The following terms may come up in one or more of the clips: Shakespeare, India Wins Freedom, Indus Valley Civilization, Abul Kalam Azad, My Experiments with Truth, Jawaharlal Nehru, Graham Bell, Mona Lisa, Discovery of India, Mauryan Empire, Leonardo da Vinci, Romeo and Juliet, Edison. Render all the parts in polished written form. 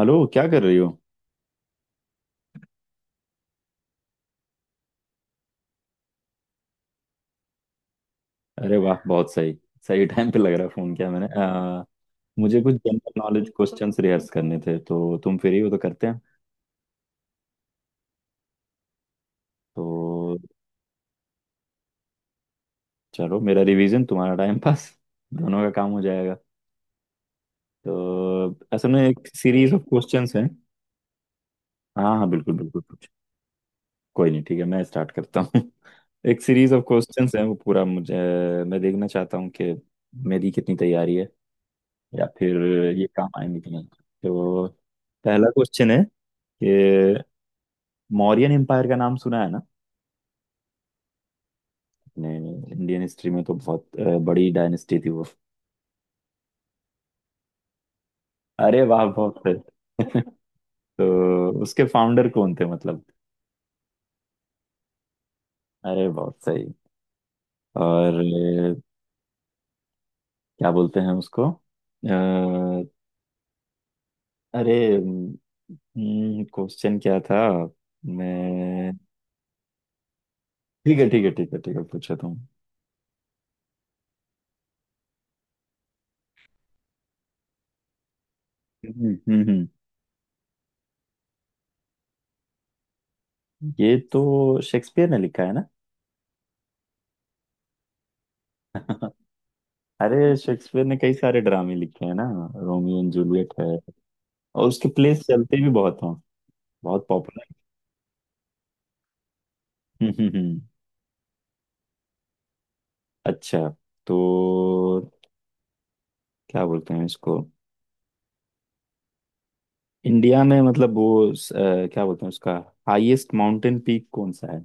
Hello, क्या कर रही हो। अरे वाह, बहुत सही। सही टाइम पे लग रहा है फोन किया मैंने। मुझे कुछ जनरल नॉलेज क्वेश्चंस रिहर्स करने थे, तो तुम फ्री हो तो करते हैं। तो चलो, मेरा रिवीजन, तुम्हारा टाइम पास, दोनों का काम हो जाएगा। तो असल में एक सीरीज ऑफ क्वेश्चंस हैं। हाँ हाँ, बिल्कुल बिल्कुल, कुछ। कोई नहीं, ठीक है, मैं स्टार्ट करता हूँ। एक सीरीज ऑफ क्वेश्चंस हैं वो पूरा मुझे, मैं देखना चाहता हूँ कि मेरी कितनी तैयारी है या फिर ये काम आएंगे कि नहीं। तो पहला क्वेश्चन है कि मौर्यन एम्पायर का नाम सुना है ना, अपने इंडियन हिस्ट्री में तो बहुत बड़ी डायनेस्टी थी वो। अरे वाह, बहुत सही। तो उसके फाउंडर कौन थे, मतलब। अरे बहुत सही। और क्या बोलते हैं उसको। अरे, क्वेश्चन क्या था मैं। ठीक है ठीक है, ठीक है ठीक है, पूछो तुम। हम्म हम्म हम्म। ये तो शेक्सपियर ने लिखा है ना। अरे, शेक्सपियर ने कई सारे ड्रामे लिखे हैं ना, रोमियो एंड जूलियट है और उसके प्लेस चलते भी बहुत हैं, बहुत पॉपुलर। हम्म हम्म, हम्म। अच्छा, तो क्या बोलते हैं इसको, इंडिया में मतलब वो क्या बोलते हैं उसका, हाईएस्ट माउंटेन पीक कौन सा है।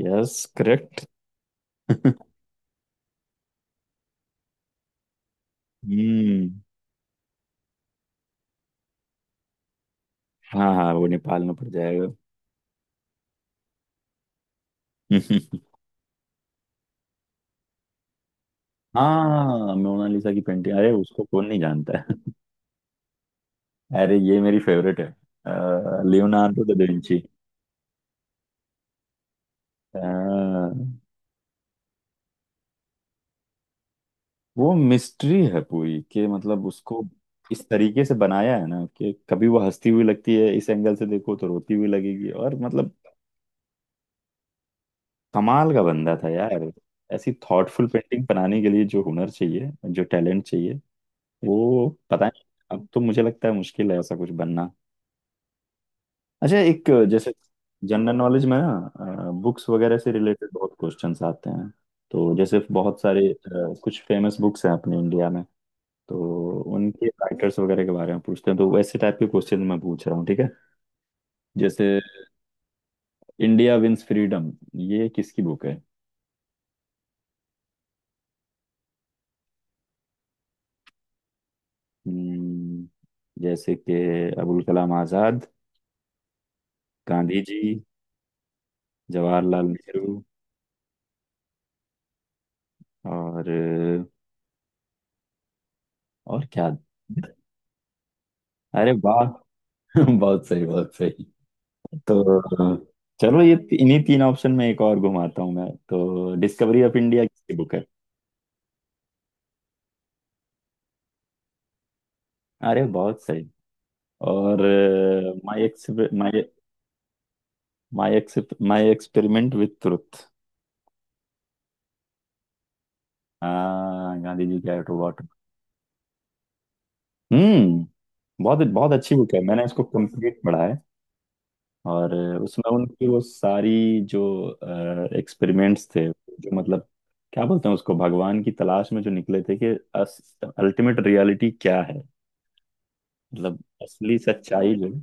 Yes, correct. हम्म। हाँ हाँ, वो नेपाल में पड़ जाएगा। हाँ, मोनालिसा की पेंटिंग, अरे उसको कौन नहीं जानता है। अरे ये मेरी फेवरेट है, लियोनार्डो दा विंची। हाँ। वो मिस्ट्री है पूरी कि मतलब उसको इस तरीके से बनाया है ना कि कभी वो हंसती हुई लगती है, इस एंगल से देखो तो रोती हुई लगेगी, और मतलब कमाल का बंदा था यार। ऐसी थॉटफुल पेंटिंग बनाने के लिए जो हुनर चाहिए, जो टैलेंट चाहिए, वो पता नहीं। अब तो मुझे लगता है मुश्किल है ऐसा कुछ बनना। अच्छा, एक जैसे जनरल नॉलेज में ना बुक्स वगैरह से रिलेटेड बहुत क्वेश्चंस आते हैं। तो जैसे बहुत सारे कुछ फेमस बुक्स हैं अपने इंडिया में, तो उनके राइटर्स वगैरह के बारे में पूछते हैं, तो वैसे टाइप के क्वेश्चन मैं पूछ रहा हूँ, ठीक है। जैसे इंडिया विंस फ्रीडम, ये किसकी बुक है। हम्म, जैसे कि अबुल कलाम आजाद, गांधी जी, जवाहरलाल नेहरू, और और क्या। अरे वाह। बहुत सही, बहुत सही। तो चलो, ये इन्हीं तीन ऑप्शन में एक और घुमाता हूँ मैं, तो डिस्कवरी ऑफ इंडिया किसकी बुक है। अरे बहुत सही। और my my except my experiment with truth. हाँ, गांधी जी की, टू वाटर। हम्म। बहुत बहुत अच्छी बुक है, मैंने इसको कंप्लीट पढ़ा है। और उसमें उनकी वो सारी जो एक्सपेरिमेंट्स थे, जो मतलब क्या बोलते हैं उसको, भगवान की तलाश में जो निकले थे कि अल्टीमेट रियलिटी क्या है, मतलब असली सच्चाई जो है,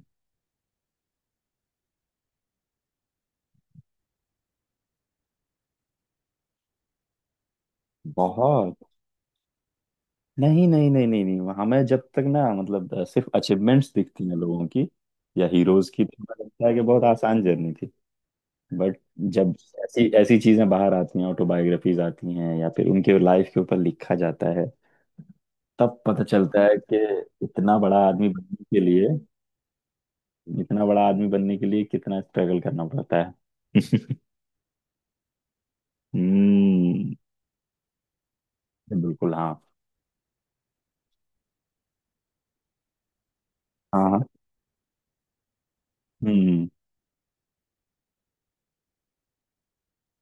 बहुत। नहीं नहीं नहीं नहीं नहीं, हमें जब तक ना मतलब सिर्फ अचीवमेंट्स दिखती हैं लोगों की, या हीरोज की, तो हमें लगता है कि बहुत आसान जर्नी थी। बट जब ऐसी ऐसी चीजें बाहर आती हैं, ऑटोबायोग्राफीज आती हैं या फिर उनके लाइफ के ऊपर लिखा जाता है, तब पता चलता है कि इतना बड़ा आदमी बनने के लिए, कितना स्ट्रगल करना पड़ता है। हम्म। बिल्कुल हाँ, हाँ। हाँ। हम्म।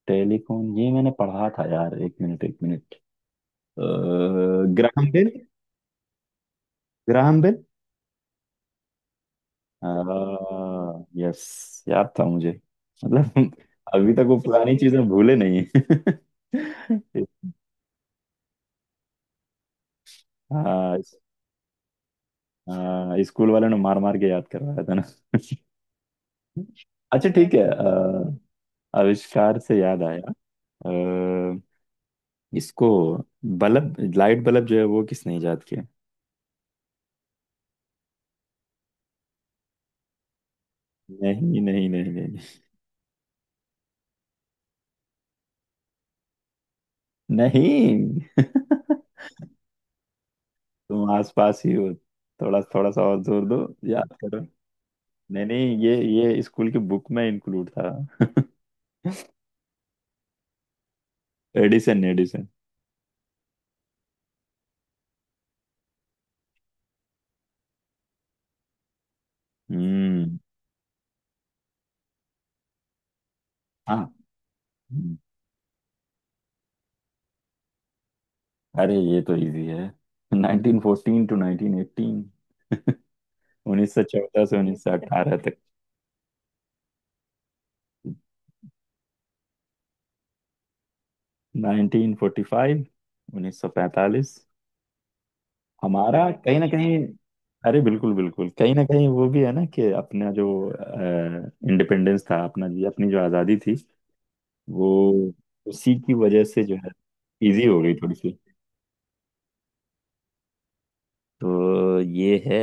टेलीकॉम, ये मैंने पढ़ा था यार, एक मिनट एक minute, Graham Bell. Graham Bell. हाँ यस, याद था मुझे, मतलब अभी तक वो पुरानी चीजें भूले नहीं। हाँ इस- हाँ, स्कूल वालों ने मार मार के याद करवाया था ना। अच्छा ठीक है, आविष्कार से याद आया। अ, इसको बल्ब लाइट बल्ब जो है वो किसने इजाद किया। नहीं नहीं नहीं नहीं नहीं। तुम आसपास ही हो, थोड़ा थोड़ा सा और जोर दो, याद करो। नहीं नहीं, ये स्कूल की बुक में इंक्लूड था। Edison Edison. हम्म। हाँ। हम्म। अरे ये तो इजी है, 1914 टू 1918, 1914 से 1918 तक। 1945। 1945। हमारा कहीं ना कहीं, अरे बिल्कुल बिल्कुल, कहीं ना कहीं वो भी है ना कि अपना जो इंडिपेंडेंस था अपना, जी, अपनी जो आज़ादी थी, वो उसी की वजह से जो है, इजी हो गई थोड़ी सी। तो ये है।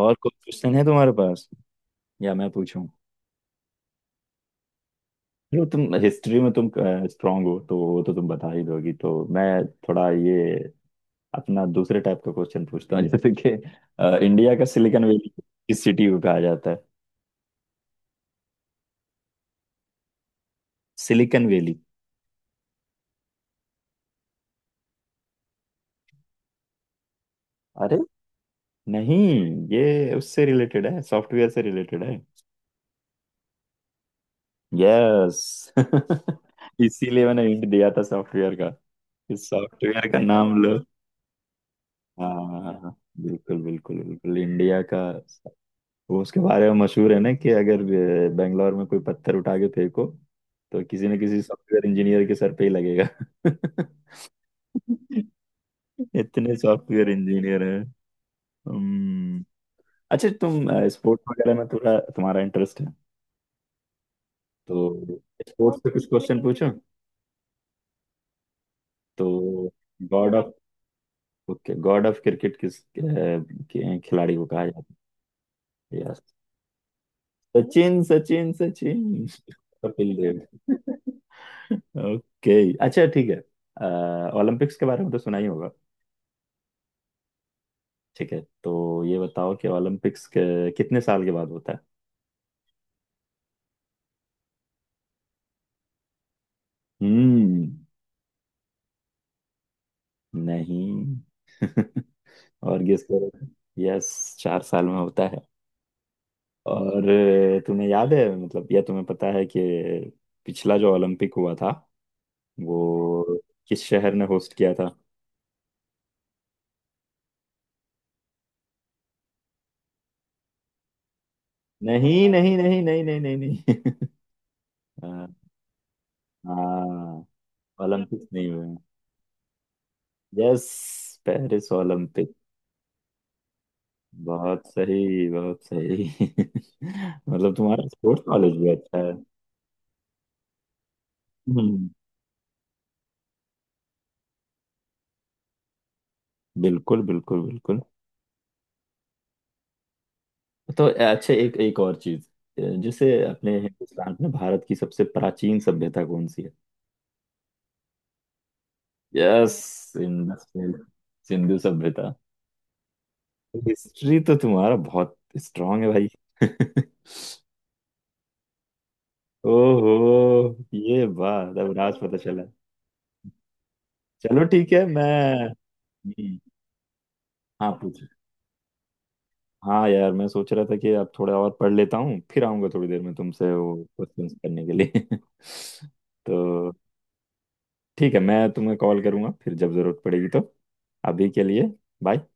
और कोई क्वेश्चन है तुम्हारे पास, या मैं पूछूं। जो तुम हिस्ट्री में तुम स्ट्रांग हो तो वो तो तुम बता ही दोगी, तो मैं थोड़ा ये अपना दूसरे टाइप का क्वेश्चन पूछता हूँ, जैसे कि इंडिया का सिलिकन वैली किस सिटी को कहा जाता है। Silicon Valley. अरे, नहीं, ये उससे रिलेटेड है, सॉफ्टवेयर से रिलेटेड है। यस। इसीलिए मैंने हिंट दिया था सॉफ्टवेयर का। इस सॉफ्टवेयर का नाम लो। हाँ हाँ, हाँ, हाँ। बिल्कुल बिल्कुल बिल्कुल, इंडिया का वो उसके बारे में मशहूर है ना कि अगर बैंगलोर में कोई पत्थर उठा के फेंको, तो किसी न किसी सॉफ्टवेयर इंजीनियर के सर पे ही लगेगा। इतने सॉफ्टवेयर इंजीनियर है। हम्म। अच्छा, तुम स्पोर्ट्स वगैरह में थोड़ा तुम्हारा इंटरेस्ट है, तो स्पोर्ट्स पे कुछ क्वेश्चन पूछो। तो god of okay, god of cricket किस कखिलाड़ी को कहा जाता है। यस, सचिन सचिन सचिन। कपिल देव। ओके। अच्छा ठीक है, ओलंपिक्स के बारे में तो सुना ही होगा। ठीक है, तो ये बताओ कि ओलंपिक्स के कितने साल के बाद होता है। हम्म। नहीं। और गेस करो। यस, चार साल में होता है। और तुम्हें याद है, मतलब या तुम्हें पता है कि पिछला जो ओलंपिक हुआ था वो किस शहर ने होस्ट किया था। नहीं नहीं नहीं नहीं नहीं नहीं नहीं। हाँ, ओलंपिक्स नहीं हुए। Yes, Paris Olympic. बहुत सही, बहुत सही। मतलब तुम्हारा स्पोर्ट्स नॉलेज भी अच्छा है। हम्म। बिल्कुल बिल्कुल बिल्कुल। तो अच्छा, एक एक और चीज जैसे अपने हिंदुस्तान में, भारत की सबसे प्राचीन सभ्यता कौन सी है। यस, सिंधु, सिंधु सभ्यता। हिस्ट्री तो तुम्हारा बहुत स्ट्रांग है भाई। ओहो, ये बात अब राज पता चला। चलो ठीक है, मैं। हम्म। हाँ, पूछो। हाँ यार, मैं सोच रहा था कि अब थोड़ा और पढ़ लेता हूँ, फिर आऊंगा थोड़ी देर में तुमसे वो क्वेश्चंस करने के लिए। तो ठीक है, मैं तुम्हें कॉल करूंगा फिर जब जरूरत पड़ेगी, तो अभी के लिए बाय।